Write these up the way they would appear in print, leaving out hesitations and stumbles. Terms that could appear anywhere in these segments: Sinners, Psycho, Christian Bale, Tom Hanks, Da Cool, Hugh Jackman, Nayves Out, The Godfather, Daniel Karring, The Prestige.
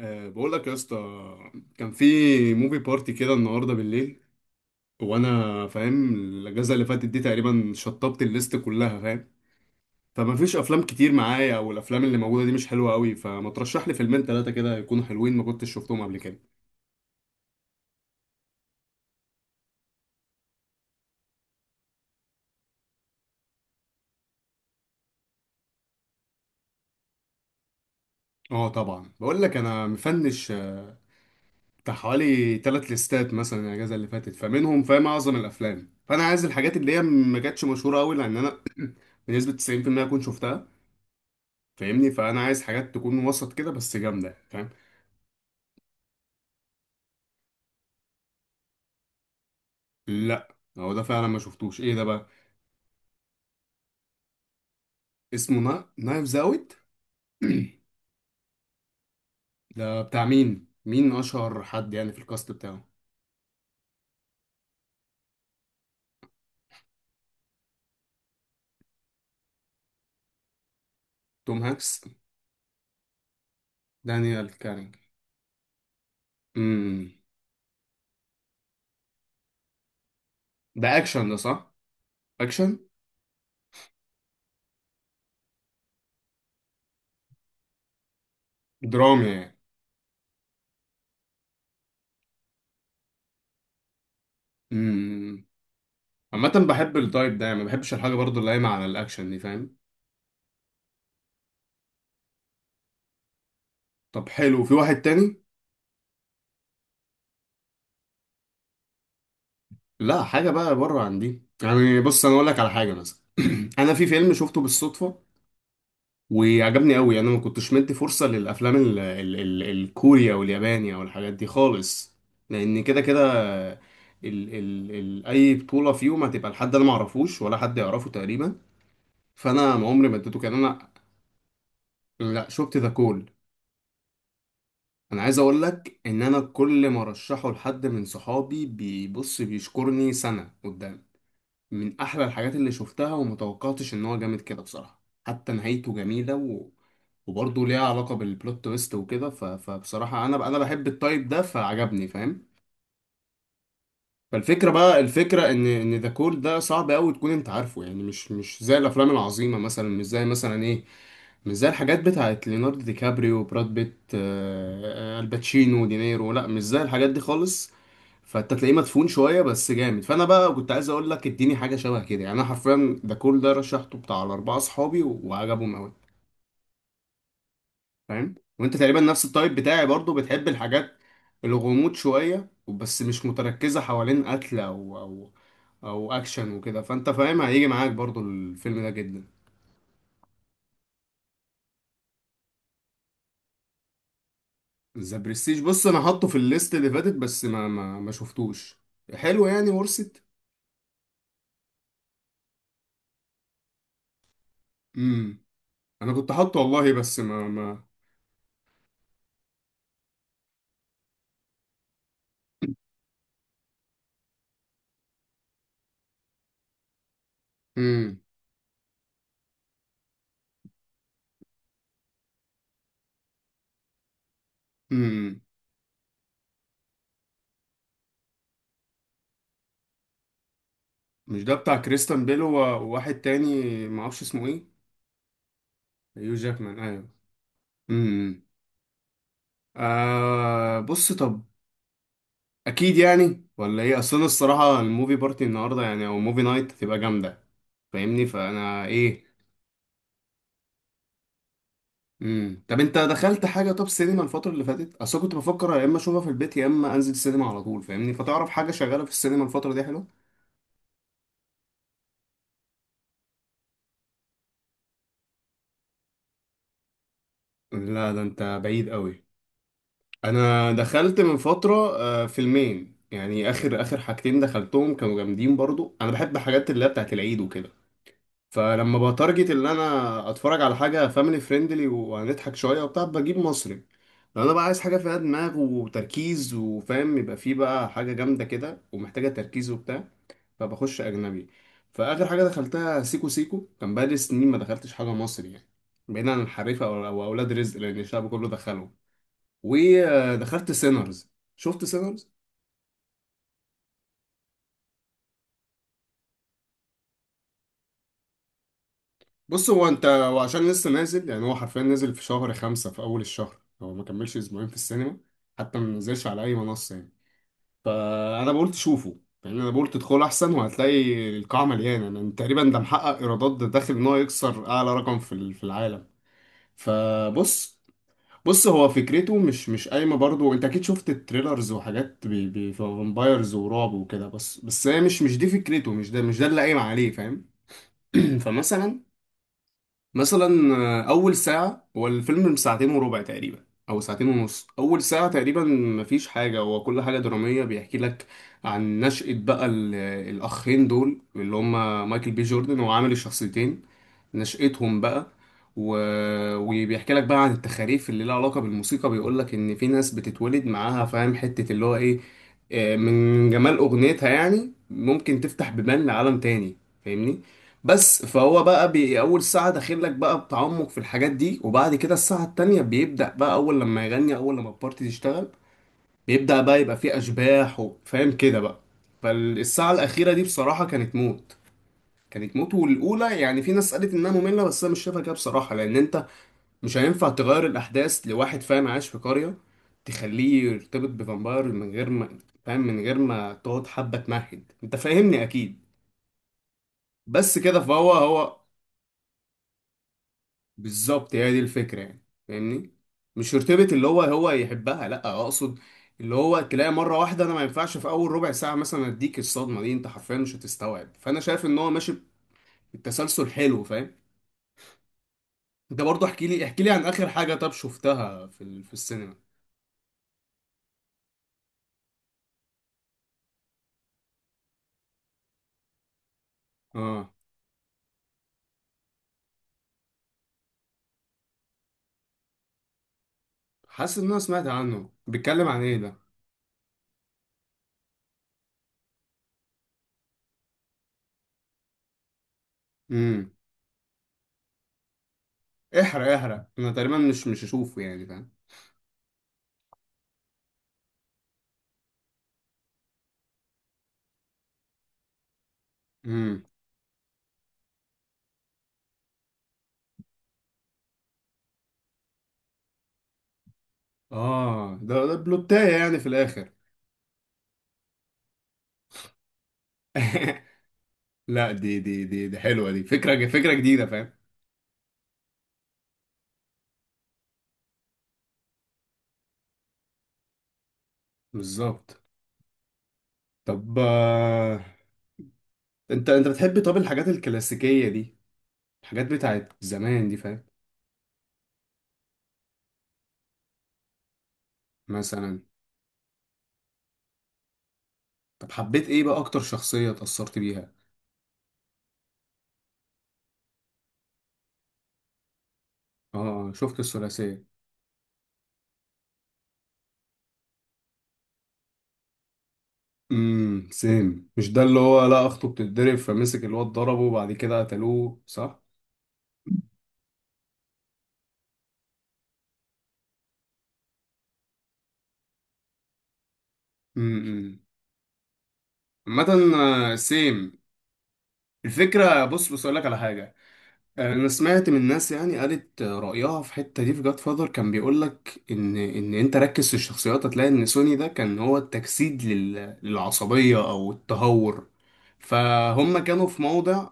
أه بقول لك يا اسطى كان في موفي بارتي كده النهارده بالليل. وانا فاهم الاجازه اللي فاتت دي تقريبا شطبت الليست كلها، فاهم؟ فما فيش افلام كتير معايا، او الافلام اللي موجوده دي مش حلوه قوي، فما ترشح لي فيلمين ثلاثه كده يكونوا حلوين ما كنتش شفتهم قبل كده. اه طبعا بقول لك انا مفنش بتاع حوالي ثلاث ليستات مثلا الاجازه اللي فاتت، فمنهم فاهم اعظم الافلام، فانا عايز الحاجات اللي هي ما كانتش مشهوره قوي، لان انا بنسبه 90% اكون شفتها، فاهمني؟ فانا عايز حاجات تكون وسط كده بس جامده، فاهم؟ لا هو ده فعلا ما شفتوش، ايه ده بقى؟ اسمه نايفز اوت. ده بتاع مين؟ مين اشهر حد يعني في الكاست بتاعه؟ توم هانكس؟ دانيال كارينج. امم. ده اكشن ده، صح؟ اكشن. درامي يعني. امم. عامه بحب التايب ده، يعني ما بحبش الحاجه برضو اللي قايمه على الاكشن دي، فاهم؟ طب حلو، في واحد تاني؟ لا حاجه بقى بره عن دي. يعني بص انا اقول لك على حاجه مثلا. انا في فيلم شفته بالصدفه وعجبني قوي. يعني انا ما كنتش مدي فرصة للافلام ال ال ال الكوريا واليابانية والحاجات دي خالص، لان كده كده ال ال ال اي بطولة فيهم هتبقى لحد انا ما اعرفوش ولا حد يعرفه تقريبا، فانا ما عمري ما اديته كان انا. لا شفت ذا كول. انا عايز اقول لك ان انا كل ما ارشحه لحد من صحابي بيبص بيشكرني سنة قدام، من احلى الحاجات اللي شفتها، ومتوقعتش ان هو جامد كده بصراحه. حتى نهايته جميله وبرضه ليها علاقه بالبلوت تويست وكده، فبصراحه انا بحب التايب ده فعجبني، فاهم؟ فالفكره بقى، الفكره ان ذا كول ده صعب قوي تكون انت عارفه، يعني مش زي الافلام العظيمه مثلا، مش زي مثلا ايه، مش زي الحاجات بتاعت ليوناردو دي كابريو، براد بيت، الباتشينو، دينيرو، لا مش زي الحاجات دي خالص. فانت تلاقيه مدفون شويه بس جامد. فانا بقى كنت عايز اقول لك اديني حاجه شبه كده، يعني انا حرفيا ده كل ده رشحته بتاع الاربعه اصحابي وعجبهم قوي، فاهم؟ وانت تقريبا نفس التايب بتاعي، برضو بتحب الحاجات، الغموض شويه، بس مش متركزه حوالين قتل او او اكشن وكده، فانت فاهم، هيجي معاك برضو الفيلم ده جدا. ذا برستيج بص انا حاطه في الليست اللي فاتت بس ما شفتوش. حلو يعني ورثت. امم. انا كنت حاطه والله، بس ما. امم. امم. مش ده بتاع كريستان بيل وواحد تاني ما اعرفش اسمه ايه؟ يو جاكمان، ايوه. امم. آه بص، طب اكيد يعني ولا ايه؟ اصل انا الصراحه الموفي بارتي النهارده، يعني او موفي نايت، هتبقى جامده، فاهمني؟ فانا ايه. امم، طب انت دخلت حاجه طب سينما الفتره اللي فاتت؟ اصل كنت بفكر يا اما اشوفها في البيت يا اما انزل السينما على طول، فاهمني؟ فتعرف حاجه شغاله في السينما الفتره دي حلو؟ لا ده انت بعيد قوي. انا دخلت من فتره فيلمين، يعني اخر حاجتين دخلتهم كانوا جامدين برضو. انا بحب حاجات اللي هي بتاعت العيد وكده، فلما بتارجت ان انا اتفرج على حاجه فاميلي فريندلي وهنضحك شويه وبتاع، بجيب مصري. لو انا بقى عايز حاجه فيها دماغ وتركيز وفاهم، يبقى فيه بقى حاجه جامده كده ومحتاجه تركيز وبتاع، فبخش اجنبي. فاخر حاجه دخلتها سيكو سيكو، كان بقالي سنين ما دخلتش حاجه مصري، يعني بعيدا عن الحريفه او اولاد رزق لان الشعب كله دخله. ودخلت سينرز. شفت سينرز؟ بص هو انت وعشان لسه نازل، يعني هو حرفيا نازل في شهر خمسة في اول الشهر، هو ما كملش اسبوعين في السينما، حتى ما نزلش على اي منصه يعني. فانا بقول تشوفه، يعني انا بقول تدخل احسن، وهتلاقي القاعه مليانه يعني تقريبا. ده محقق ايرادات، ده داخل ان هو يكسر اعلى رقم في في العالم. فبص، بص هو فكرته مش قايمه برضو. انت اكيد شفت التريلرز وحاجات فامبايرز ورعب وكده، بس بس هي مش دي فكرته، مش ده اللي قايم عليه، فاهم؟ فمثلا، مثلا اول ساعه، هو الفيلم ساعتين وربع تقريبا او ساعتين ونص، اول ساعه تقريبا مفيش حاجه، هو كل حاجه دراميه بيحكي لك عن نشأة بقى الاخين دول اللي هما مايكل بي جوردن وعامل الشخصيتين، نشأتهم بقى و... وبيحكي لك بقى عن التخاريف اللي لها علاقه بالموسيقى، بيقول لك ان في ناس بتتولد معاها، فاهم، حته اللي هو ايه، من جمال اغنيتها يعني ممكن تفتح بيبان لعالم تاني، فاهمني؟ بس فهو بقى بي اول ساعه داخل لك بقى بتعمق في الحاجات دي، وبعد كده الساعه التانية بيبدا بقى، اول لما يغني، اول لما البارتي تشتغل، بيبدا بقى يبقى فيه اشباح وفاهم كده بقى. فالساعه الاخيره دي بصراحه كانت موت، كانت موت. والاولى، يعني في ناس قالت انها ممله، بس انا مش شايفها كده بصراحه، لان انت مش هينفع تغير الاحداث لواحد فاهم عايش في قريه تخليه يرتبط بفامباير من غير ما، فاهم، من غير ما تقعد حبه تمهد، انت فاهمني اكيد. بس كده. فهو بالظبط هي دي الفكرة، يعني فاهمني؟ مش يرتبط اللي هو هو يحبها، لا اقصد اللي هو تلاقي مرة واحدة. انا ما ينفعش في اول ربع ساعة مثلا اديك الصدمة دي، انت حرفيا مش هتستوعب، فانا شايف ان هو ماشي بالتسلسل حلو، فاهم؟ انت برضو احكي لي عن اخر حاجة طب شفتها في في السينما. اه، حاسس ان انا سمعت عنه، بيتكلم عن ايه ده؟ امم. احرق، احرق، انا تقريبا مش هشوفه يعني، فاهم؟ امم. اه ده ده بلوتاية يعني في الاخر؟ لا دي حلوة، دي فكرة، فكرة جديدة، فاهم؟ بالظبط. طب انت بتحب طب الحاجات الكلاسيكية دي، الحاجات بتاعت زمان دي، فاهم؟ مثلا. طب حبيت ايه بقى اكتر شخصية اتأثرت بيها؟ اه شفت الثلاثية. امم، سيم، مش ده اللي هو، لا، اخته بتتضرب فمسك الواد ضربه، وبعد كده قتلوه، صح؟ امم امم. عامة، سيم، الفكرة، بص بص اقول لك على حاجة. انا سمعت من ناس، يعني قالت رايها في الحته دي في جاد فاذر، كان بيقول لك ان انت ركز في الشخصيات، هتلاقي ان سوني ده كان هو التجسيد للعصبيه او التهور، فهم كانوا في موضع.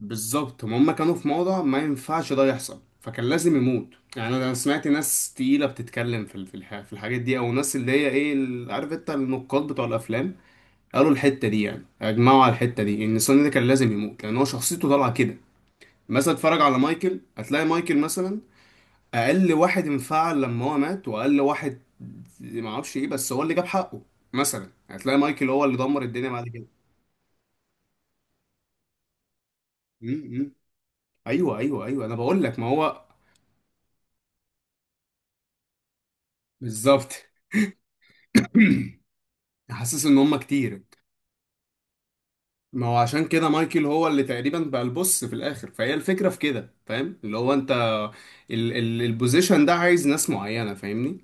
بالظبط، هم كانوا في موضع ما ينفعش ده يحصل، فكان لازم يموت. يعني انا سمعت ناس تقيله بتتكلم في في الحاجات دي، او ناس اللي هي ايه عارف انت النقاد بتوع الافلام، قالوا الحته دي، يعني اجمعوا على الحته دي ان سوني ده كان لازم يموت لان هو شخصيته طالعه كده. مثلا اتفرج على مايكل، هتلاقي مايكل مثلا اقل واحد انفعل لما هو مات، واقل واحد ما اعرفش ايه، بس هو اللي جاب حقه. مثلا هتلاقي مايكل هو اللي دمر الدنيا بعد كده. م- م. ايوه ايوه، انا بقول لك ما هو بالظبط. حاسس ان هم كتير. ما هو عشان كده مايكل هو اللي تقريبا بقى البص في الاخر، فهي الفكره في كده، فاهم؟ اللي هو انت ال البوزيشن ده عايز ناس معينه، فاهمني؟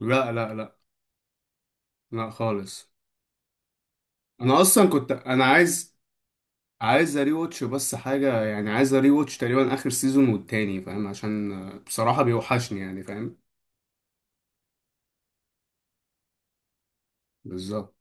لا لا خالص. انا اصلا كنت انا عايز، عايز اري واتش بس حاجة، يعني عايز اري واتش تقريبا اخر سيزون والتاني، فاهم؟ عشان بصراحة بيوحشني يعني، فاهم؟ بالظبط.